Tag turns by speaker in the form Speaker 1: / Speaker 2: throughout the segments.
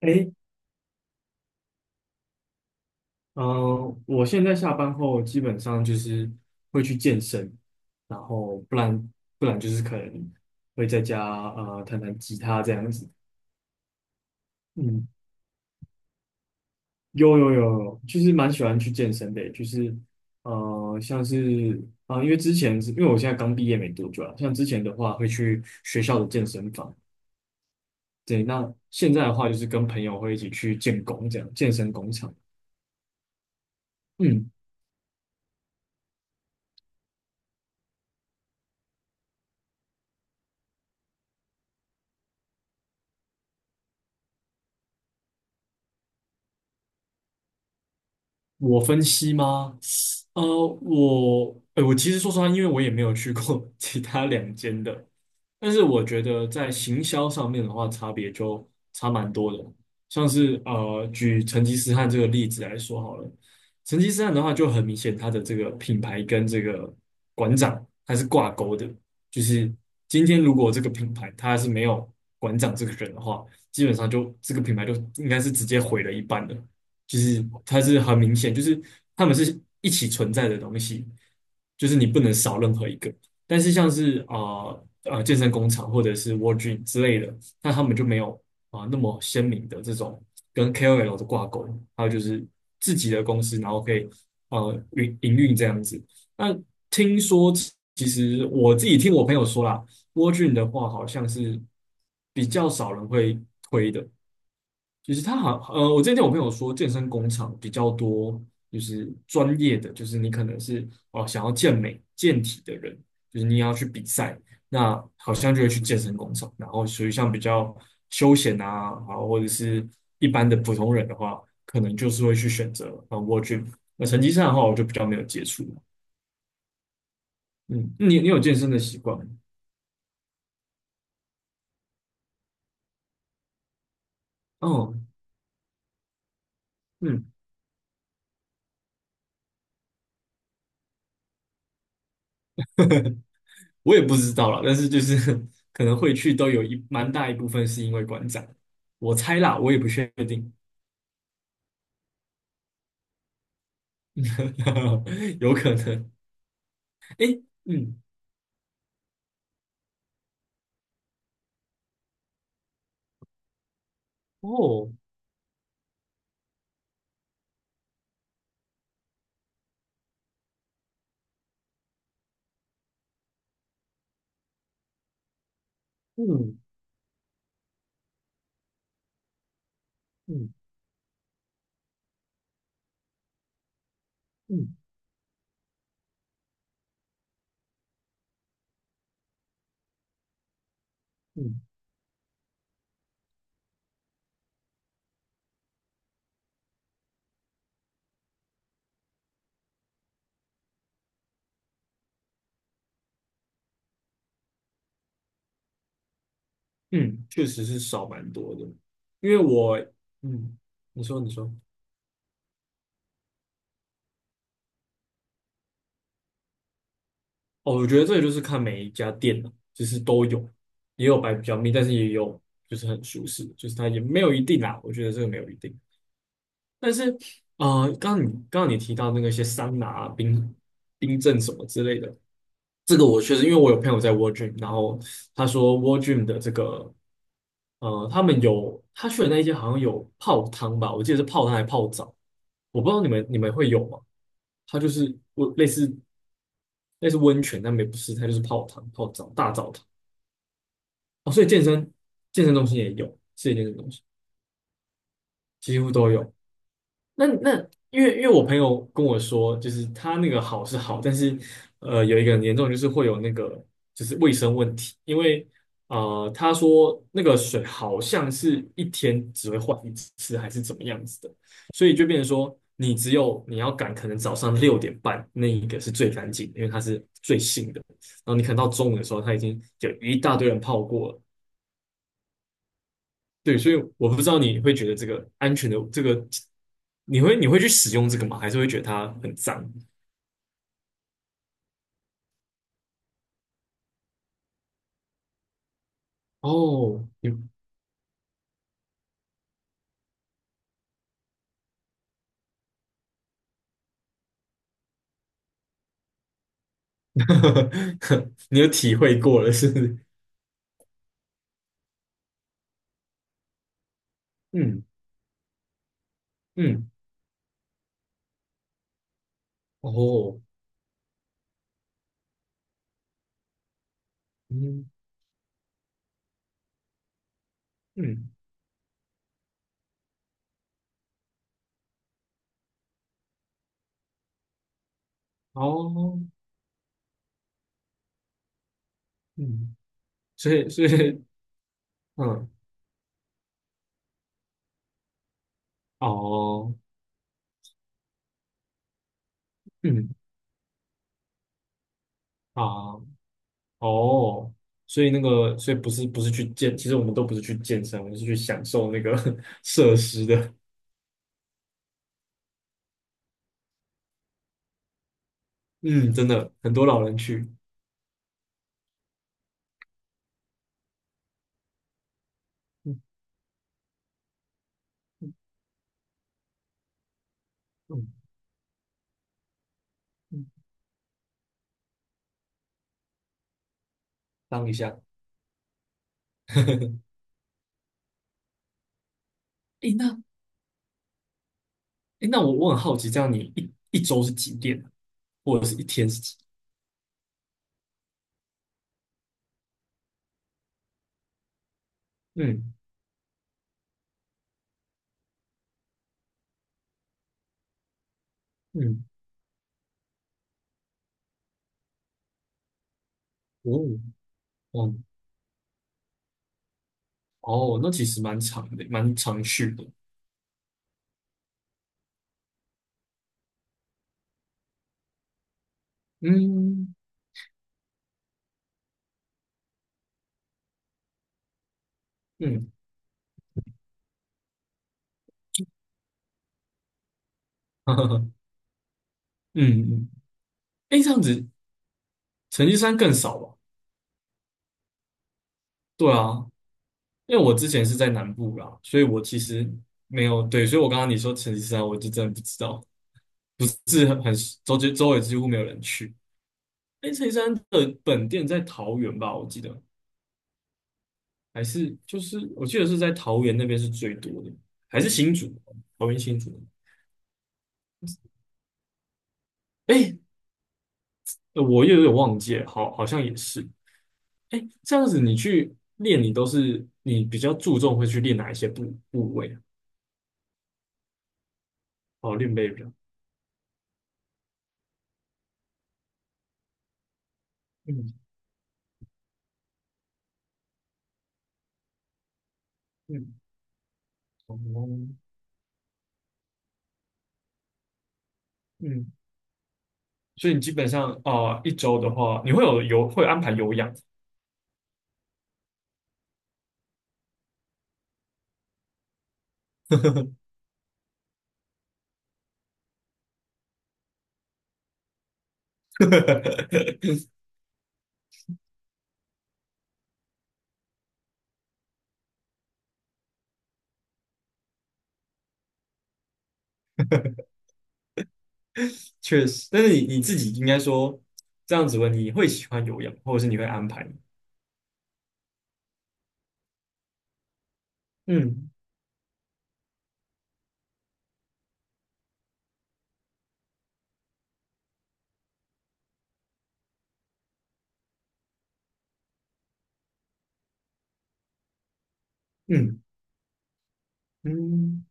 Speaker 1: 诶，嗯、我现在下班后基本上就是会去健身，然后不然就是可能会在家弹弹吉他这样子。嗯，有有有有，就是蛮喜欢去健身的，就是像是啊、因为之前是因为我现在刚毕业没多久啊，像之前的话会去学校的健身房，对，那现在的话就是跟朋友会一起去建工这样，健身工厂。嗯，我分析吗？呃，我其实说实话，因为我也没有去过 其他两间的，但是我觉得在行销上面的话，差别就差蛮多的。像是举成吉思汗这个例子来说好了，成吉思汗的话就很明显，他的这个品牌跟这个馆长他是挂钩的，就是今天如果这个品牌它是没有馆长这个人的话，基本上就这个品牌就应该是直接毁了一半的。就是它是很明显，就是它们是一起存在的东西，就是你不能少任何一个。但是像是啊健身工厂或者是 w o r d r e a m 之类的，那他们就没有啊、那么鲜明的这种跟 KOL 的挂钩，还有就是自己的公司，然后可以营运这样子。那听说其实我自己听我朋友说啦 w o r d r e a m 的话好像是比较少人会推的。就是他好，我之前听我朋友说，健身工厂比较多，就是专业的，就是你可能是想要健美、健体的人，就是你要去比赛，那好像就会去健身工厂。然后属于像比较休闲啊，然后或者是一般的普通人的话，可能就是会去选择啊 w o r 那成绩上的话，我就比较没有接触。嗯，你有健身的习惯吗？哦，嗯。我也不知道啦，但是就是 可能会去都有一蛮大一部分是因为馆长，我猜啦，我也不确定，有可能。诶，嗯，哦，嗯嗯嗯嗯嗯，确实是少蛮多的，因为我，嗯，你说你说，哦，我觉得这个就是看每一家店了，就是都有，也有摆比较密，但是也有就是很舒适，就是它也没有一定啦，我觉得这个没有一定。但是，刚刚你提到那个一些桑拿啊冰镇什么之类的，这个我确实因为我有朋友在 War Gym，然后他说 War Gym 的这个，他们有他去的那一些好像有泡汤吧，我记得是泡汤还泡澡，我不知道你们会有吗？它就是我类似温泉，但没不是，它就是泡汤、泡澡、大澡堂。哦，所以健身中心也有，健身中心几乎都有。那因为我朋友跟我说，就是他那个好是好，但是有一个很严重的就是会有那个就是卫生问题，因为他说那个水好像是一天只会换一次还是怎么样子的，所以就变成说你只有你要赶可能早上6:30那一个是最干净的因为它是最新的，然后你可能到中午的时候它已经有一大堆人泡过了，对，所以我不知道你会觉得这个安全的这个，你会去使用这个吗？还是会觉得它很脏？哦，你 你有体会过了，是不是？嗯嗯，哦，嗯嗯，哦，嗯，所以嗯，哦，嗯啊，哦，所以不是去健，其实我们都不是去健身，我们是去享受那个 设施的。嗯，真的很多老人去。嗯嗯嗯。当一下。诶，那我很好奇，这样你一周是几点，或者是一天是几？嗯嗯，哦哦哦，那其实蛮长的，蛮长续的。嗯嗯 嗯嗯，诶，这样子成绩山更少吧？对啊，因为我之前是在南部啦，所以我其实没有对，所以我刚刚你说成绩山，我就真的不知道，不是很周围几乎没有人去。诶，成绩山的本店在桃园吧？我记得。还是就是我记得是在桃园那边是最多的，还是新竹？桃园新竹？哎，我又有点忘记了，好，好像也是。哎，这样子你去练，你都是你比较注重会去练哪一些部位啊？哦，练背比较，嗯嗯，哦嗯，所以你基本上啊、一周的话，你会有会安排有氧，确实。但是你自己应该说这样子问，你会喜欢有氧，或者是你会安排？嗯嗯嗯。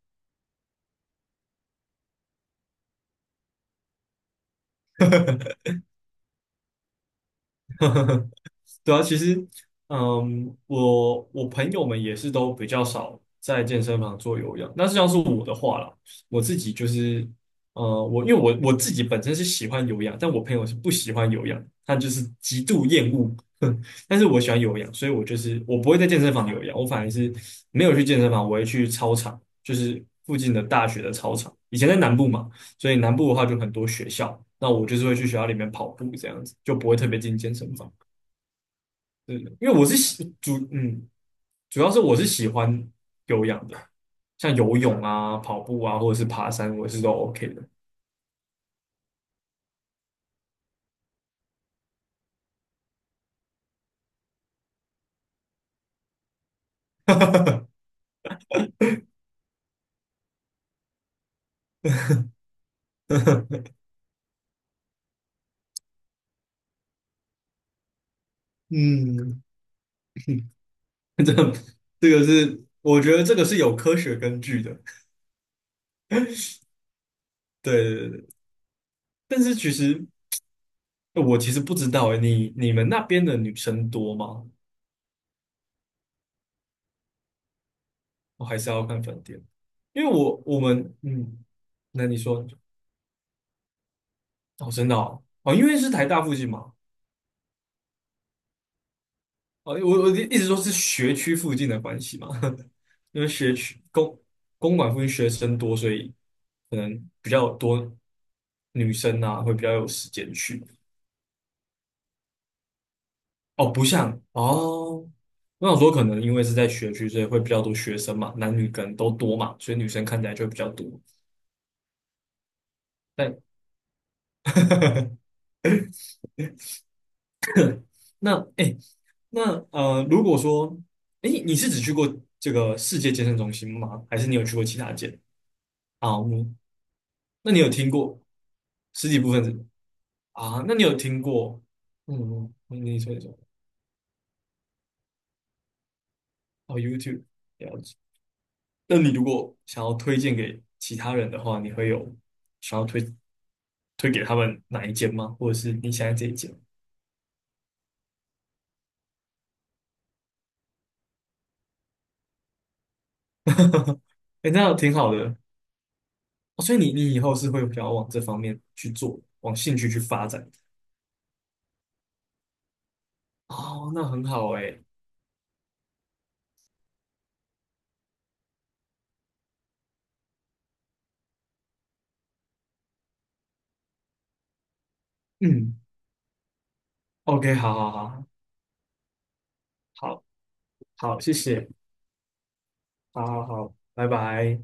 Speaker 1: 对啊，其实，嗯，我朋友们也是都比较少在健身房做有氧。那是像是我的话啦，我自己就是，因为我自己本身是喜欢有氧，但我朋友是不喜欢有氧，他就是极度厌恶。但是我喜欢有氧，所以我就是我不会在健身房有氧，我反而是没有去健身房，我会去操场，就是附近的大学的操场。以前在南部嘛，所以南部的话就很多学校，那我就是会去学校里面跑步这样子，就不会特别进健身房。对，因为我是喜主嗯，主要是我是喜欢有氧的，像游泳啊、跑步啊，或者是爬山，我是都 OK 的。嗯，这这个是我觉得这个是有科学根据的。对对对对但是其实我其实不知道诶，你们那边的女生多吗？我还是要看饭店，因为我们那你说哦，真的哦，哦，因为是台大附近嘛，哦，我的意思说是学区附近的关系嘛，因为学区公馆附近学生多，所以可能比较多女生啊，会比较有时间去。哦，不像哦，我想说可能因为是在学区，所以会比较多学生嘛，男女可能都多嘛，所以女生看起来就会比较多。但 那哎、诶那呃，如果说哎、诶你是只去过这个世界健身中心吗？还是你有去过其他间？啊，嗯那你有听过？十几部分是啊，那你有听过？嗯，你说一说哦，YouTube 了解。那你如果想要推荐给其他人的话，你会有想要推给他们哪一间吗？或者是你想要这一间？哎，那挺好的哦。所以你以后是会想要往这方面去做，往兴趣去发展。哦，那很好哎。嗯，OK，好好好好好，谢谢，好好好，拜拜。